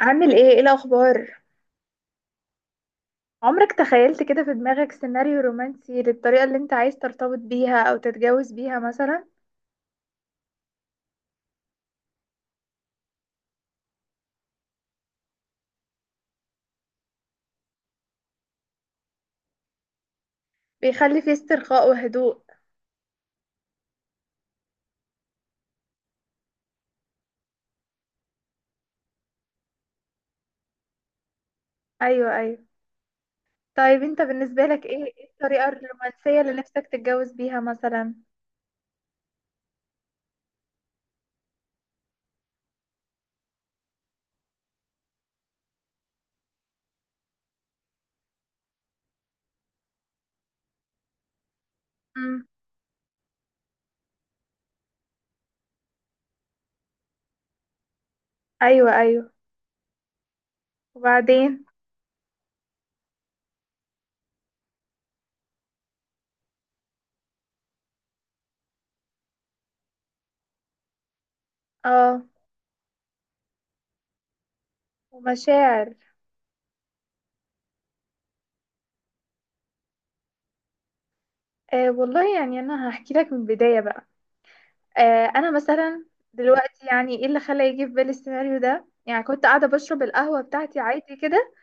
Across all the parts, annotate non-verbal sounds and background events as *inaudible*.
عامل ايه الاخبار؟ عمرك تخيلت كده في دماغك سيناريو رومانسي للطريقة اللي انت عايز ترتبط بيها او تتجوز بيها مثلا؟ بيخلي فيه استرخاء وهدوء. ايوه، ايوه. طيب انت بالنسبة لك إيه الطريقة الرومانسية اللي نفسك تتجوز بيها مثلا؟ امم. ايوه، ايوه، وبعدين؟ اه. ومشاعر. آه والله، يعني انا هحكي لك من البداية بقى. انا مثلا دلوقتي، يعني ايه اللي خلى يجي في بالي السيناريو ده؟ يعني كنت قاعدة بشرب القهوة بتاعتي عادي كده،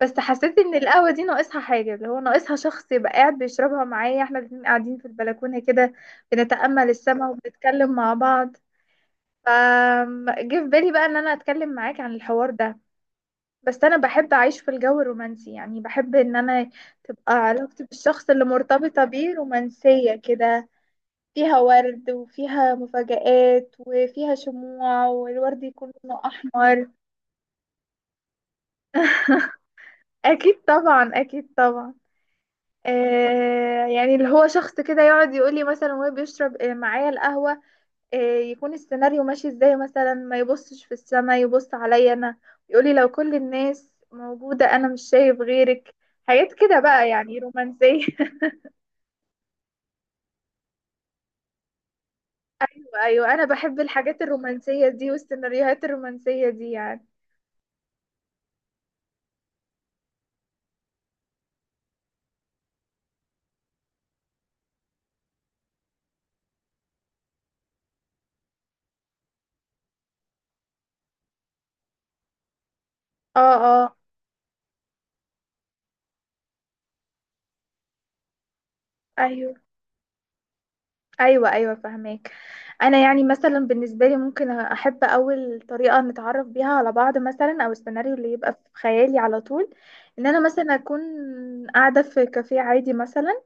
بس حسيت ان القهوه دي ناقصها حاجه، اللي هو ناقصها شخص يبقى قاعد بيشربها معايا، احنا الاتنين قاعدين في البلكونه كده، بنتامل السما وبنتكلم مع بعض. ف جه في بالي بقى ان انا اتكلم معاك عن الحوار ده. بس انا بحب اعيش في الجو الرومانسي، يعني بحب ان انا تبقى علاقتي بالشخص اللي مرتبطه بيه رومانسيه كده، فيها ورد وفيها مفاجآت وفيها شموع، والورد يكون لونه احمر. *laughs* اكيد طبعا، اكيد طبعا. يعني اللي هو شخص كده يقعد يقول لي مثلا، وهو بيشرب معايا القهوة، يكون السيناريو ماشي ازاي مثلا، ما يبصش في السما، يبص عليا انا. يقول لي لو كل الناس موجودة انا مش شايف غيرك. حاجات كده بقى، يعني رومانسية. *laughs* ايوه، انا بحب الحاجات الرومانسية دي والسيناريوهات الرومانسية دي يعني. اه، اه. ايوه، ايوه، ايوه، فهماك. انا يعني مثلا بالنسبه لي ممكن احب اول طريقه نتعرف بيها على بعض مثلا، او السيناريو اللي يبقى في خيالي على طول، ان انا مثلا اكون قاعده في كافيه عادي مثلا،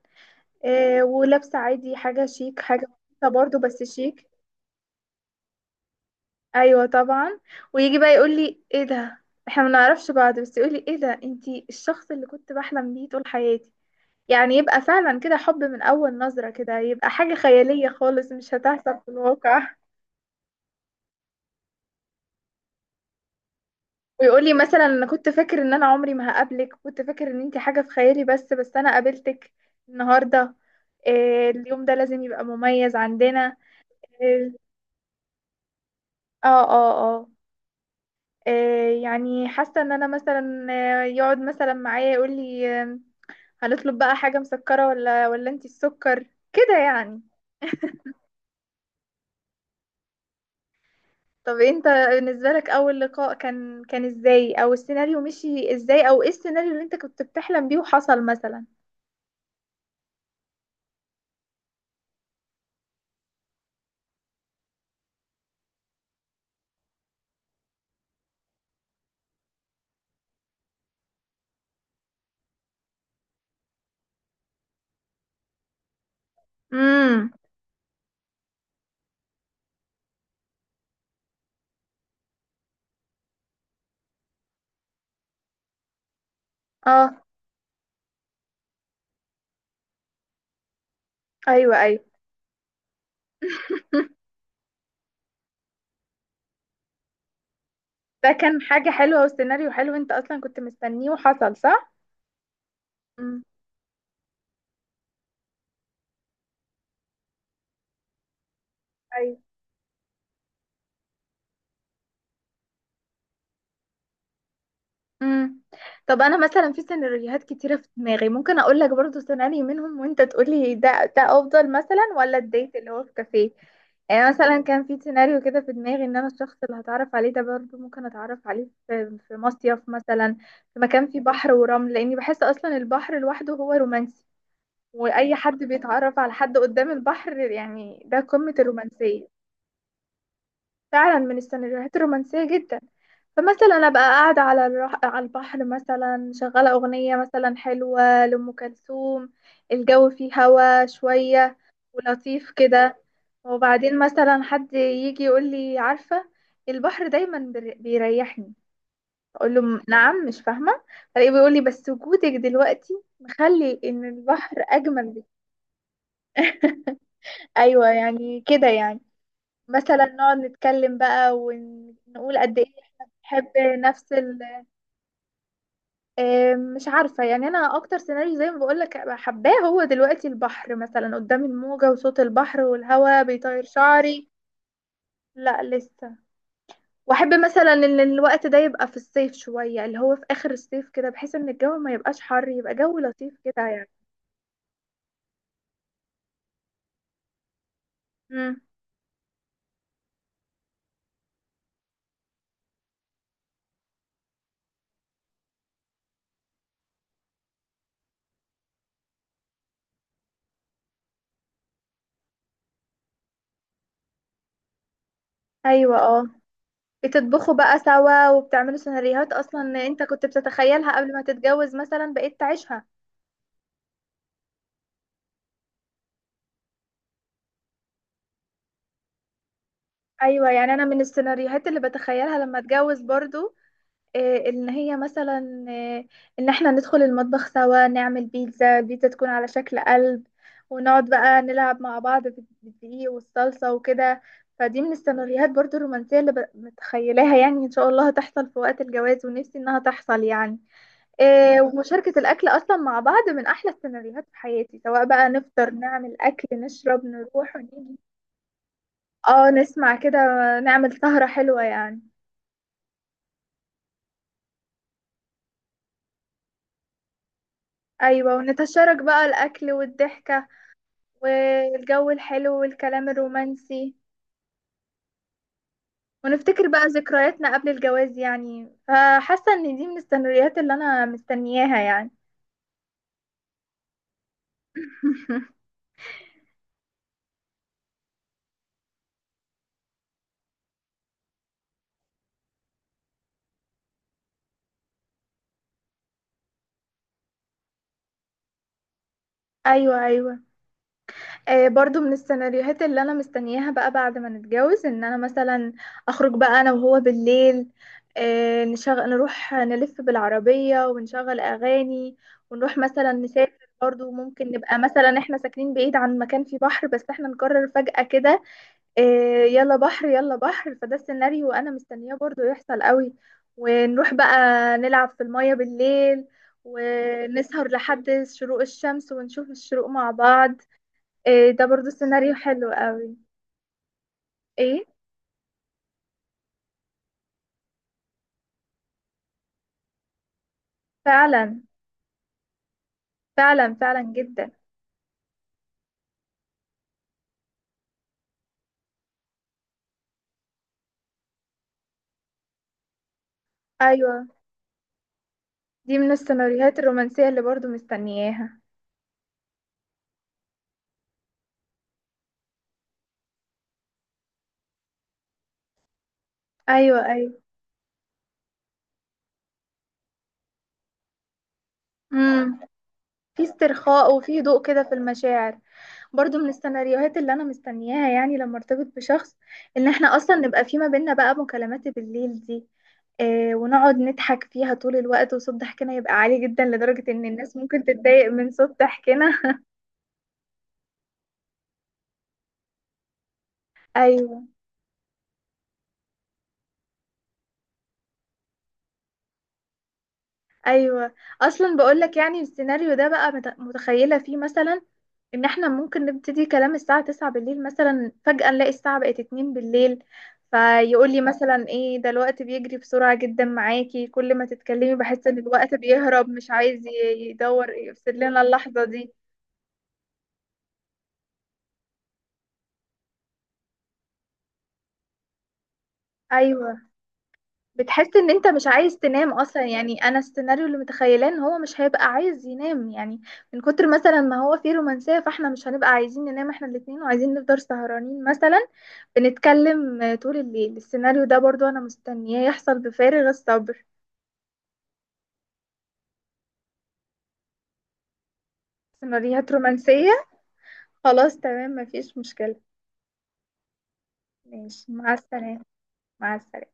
ولابسه عادي حاجه شيك، حاجه بسيطة برضو بس شيك. ايوه طبعا. ويجي بقى يقول لي ايه ده، احنا ما نعرفش بعض، بس يقول لي ايه ده، انتي الشخص اللي كنت بحلم بيه طول حياتي. يعني يبقى فعلا كده حب من اول نظره، كده يبقى حاجه خياليه خالص مش هتحصل في الواقع. ويقول لي مثلا انا كنت فاكر ان انا عمري ما هقابلك، كنت فاكر ان انت حاجة في خيالي، بس انا قابلتك النهاردة. إيه، اليوم ده لازم يبقى مميز عندنا. إيه، اه، اه، اه. إيه يعني حاسة ان انا مثلا يقعد مثلا معايا يقول لي، هنطلب بقى حاجة مسكرة ولا انت السكر، كده يعني. طب انت بالنسبة لك اول لقاء كان ازاي، او السيناريو مشي ازاي، او ايه السيناريو اللي انت كنت بتحلم بيه وحصل مثلا؟ امم. اه. ايوه، ايوه. *laughs* ده كان حاجة حلوة وسيناريو حلو، انت اصلا كنت مستنيه وحصل، صح؟ امم. ايوه. امم. طب انا مثلا في سيناريوهات كتيرة في دماغي، ممكن اقول لك برضو سيناريو منهم وانت تقولي ده افضل مثلا، ولا الديت اللي هو في كافيه. يعني مثلا كان في سيناريو كده في دماغي ان انا الشخص اللي هتعرف عليه ده برضو ممكن اتعرف عليه في مصيف مثلا، في مكان فيه بحر ورمل، لاني بحس اصلا البحر لوحده هو رومانسي. واي حد بيتعرف على حد قدام البحر، يعني ده قمة الرومانسية. فعلا من السيناريوهات الرومانسية جدا. فمثلا أبقى قاعدة على على البحر مثلا، شغالة أغنية مثلا حلوة لأم كلثوم، الجو فيه هوا شوية ولطيف كده. وبعدين مثلا حد يجي يقول لي عارفة، البحر دايما بيريحني. أقول له نعم، مش فاهمة. فلاقيه بيقول لي بس وجودك دلوقتي مخلي إن البحر أجمل بك. أيوة، يعني كده يعني. مثلا نقعد نتكلم بقى ونقول قد ايه احنا بنحب نفس ال... مش عارفة، يعني انا اكتر سيناريو زي ما بقولك أبقى حباه هو دلوقتي البحر مثلا، قدام الموجة وصوت البحر والهواء بيطير شعري. لا لسه. واحب مثلا ان الوقت ده يبقى في الصيف شوية، اللي هو في اخر الصيف كده، بحيث ان الجو ما يبقاش حر، يبقى جو لطيف كده يعني. مم. ايوه. اه. بتطبخوا بقى سوا وبتعملوا سيناريوهات اصلا انت كنت بتتخيلها قبل ما تتجوز مثلا، بقيت تعيشها. ايوه، يعني انا من السيناريوهات اللي بتخيلها لما اتجوز برضو، إيه ان هي مثلا إيه، ان احنا ندخل المطبخ سوا نعمل بيتزا، البيتزا تكون على شكل قلب، ونقعد بقى نلعب مع بعض في بالدقيق والصلصة وكده. فدي من السيناريوهات برضو الرومانسية اللي متخيلاها، يعني ان شاء الله هتحصل في وقت الجواز ونفسي انها تحصل يعني. إيه، ومشاركة الاكل اصلا مع بعض من احلى السيناريوهات في حياتي، سواء بقى نفطر، نعمل اكل، نشرب، نروح ونيجي. اه، نسمع كده، نعمل سهرة حلوة يعني. ايوه، ونتشارك بقى الاكل والضحكة والجو الحلو والكلام الرومانسي، ونفتكر بقى ذكرياتنا قبل الجواز يعني، فحاسة ان دي من السيناريوهات اللي انا مستنياها يعني. *laughs* ايوه، ايوه. برضو من السيناريوهات اللي انا مستنياها بقى بعد ما نتجوز، ان انا مثلا اخرج بقى انا وهو بالليل، نشغل، نروح نلف بالعربية ونشغل اغاني، ونروح مثلا نسافر برضو، ممكن نبقى مثلا احنا ساكنين بعيد عن مكان فيه بحر بس احنا نقرر فجأة كده، يلا بحر، يلا بحر، فده السيناريو انا مستنياه برضو يحصل قوي. ونروح بقى نلعب في المية بالليل، ونسهر لحد شروق الشمس ونشوف الشروق مع بعض. إيه ده برضو سيناريو حلو قوي. ايه. فعلا. فعلا فعلا جدا. ايوه. دي من السيناريوهات الرومانسية اللي برضو مستنياها. ايوه، ايوه. امم. في استرخاء وفي هدوء كده، في المشاعر. برضو من السيناريوهات اللي انا مستنياها يعني لما ارتبط بشخص، ان احنا اصلا نبقى في ما بيننا بقى مكالمات بالليل دي. إيه، ونقعد نضحك فيها طول الوقت، وصوت ضحكنا يبقى عالي جدا لدرجة ان الناس ممكن تتضايق من صوت ضحكنا. *laughs* ايوه، ايوه. اصلا بقولك يعني السيناريو ده بقى متخيله فيه مثلا ان احنا ممكن نبتدي كلام الساعه 9 بالليل مثلا، فجاه نلاقي الساعه بقت 2 بالليل. فيقول لي مثلا ايه ده، الوقت بيجري بسرعه جدا معاكي، كل ما تتكلمي بحس ان الوقت بيهرب، مش عايز يدور يفسد لنا اللحظه دي. ايوه. بتحس ان انت مش عايز تنام اصلا، يعني انا السيناريو اللي متخيلاه ان هو مش هيبقى عايز ينام يعني، من كتر مثلا ما هو فيه رومانسية، فاحنا مش هنبقى عايزين ننام احنا الاتنين، وعايزين نفضل سهرانين مثلا، بنتكلم طول الليل. السيناريو ده برضو انا مستنياه يحصل بفارغ الصبر. سيناريوهات رومانسية. خلاص تمام، مفيش مشكلة. ماشي، مع السلامة. مع السلامة.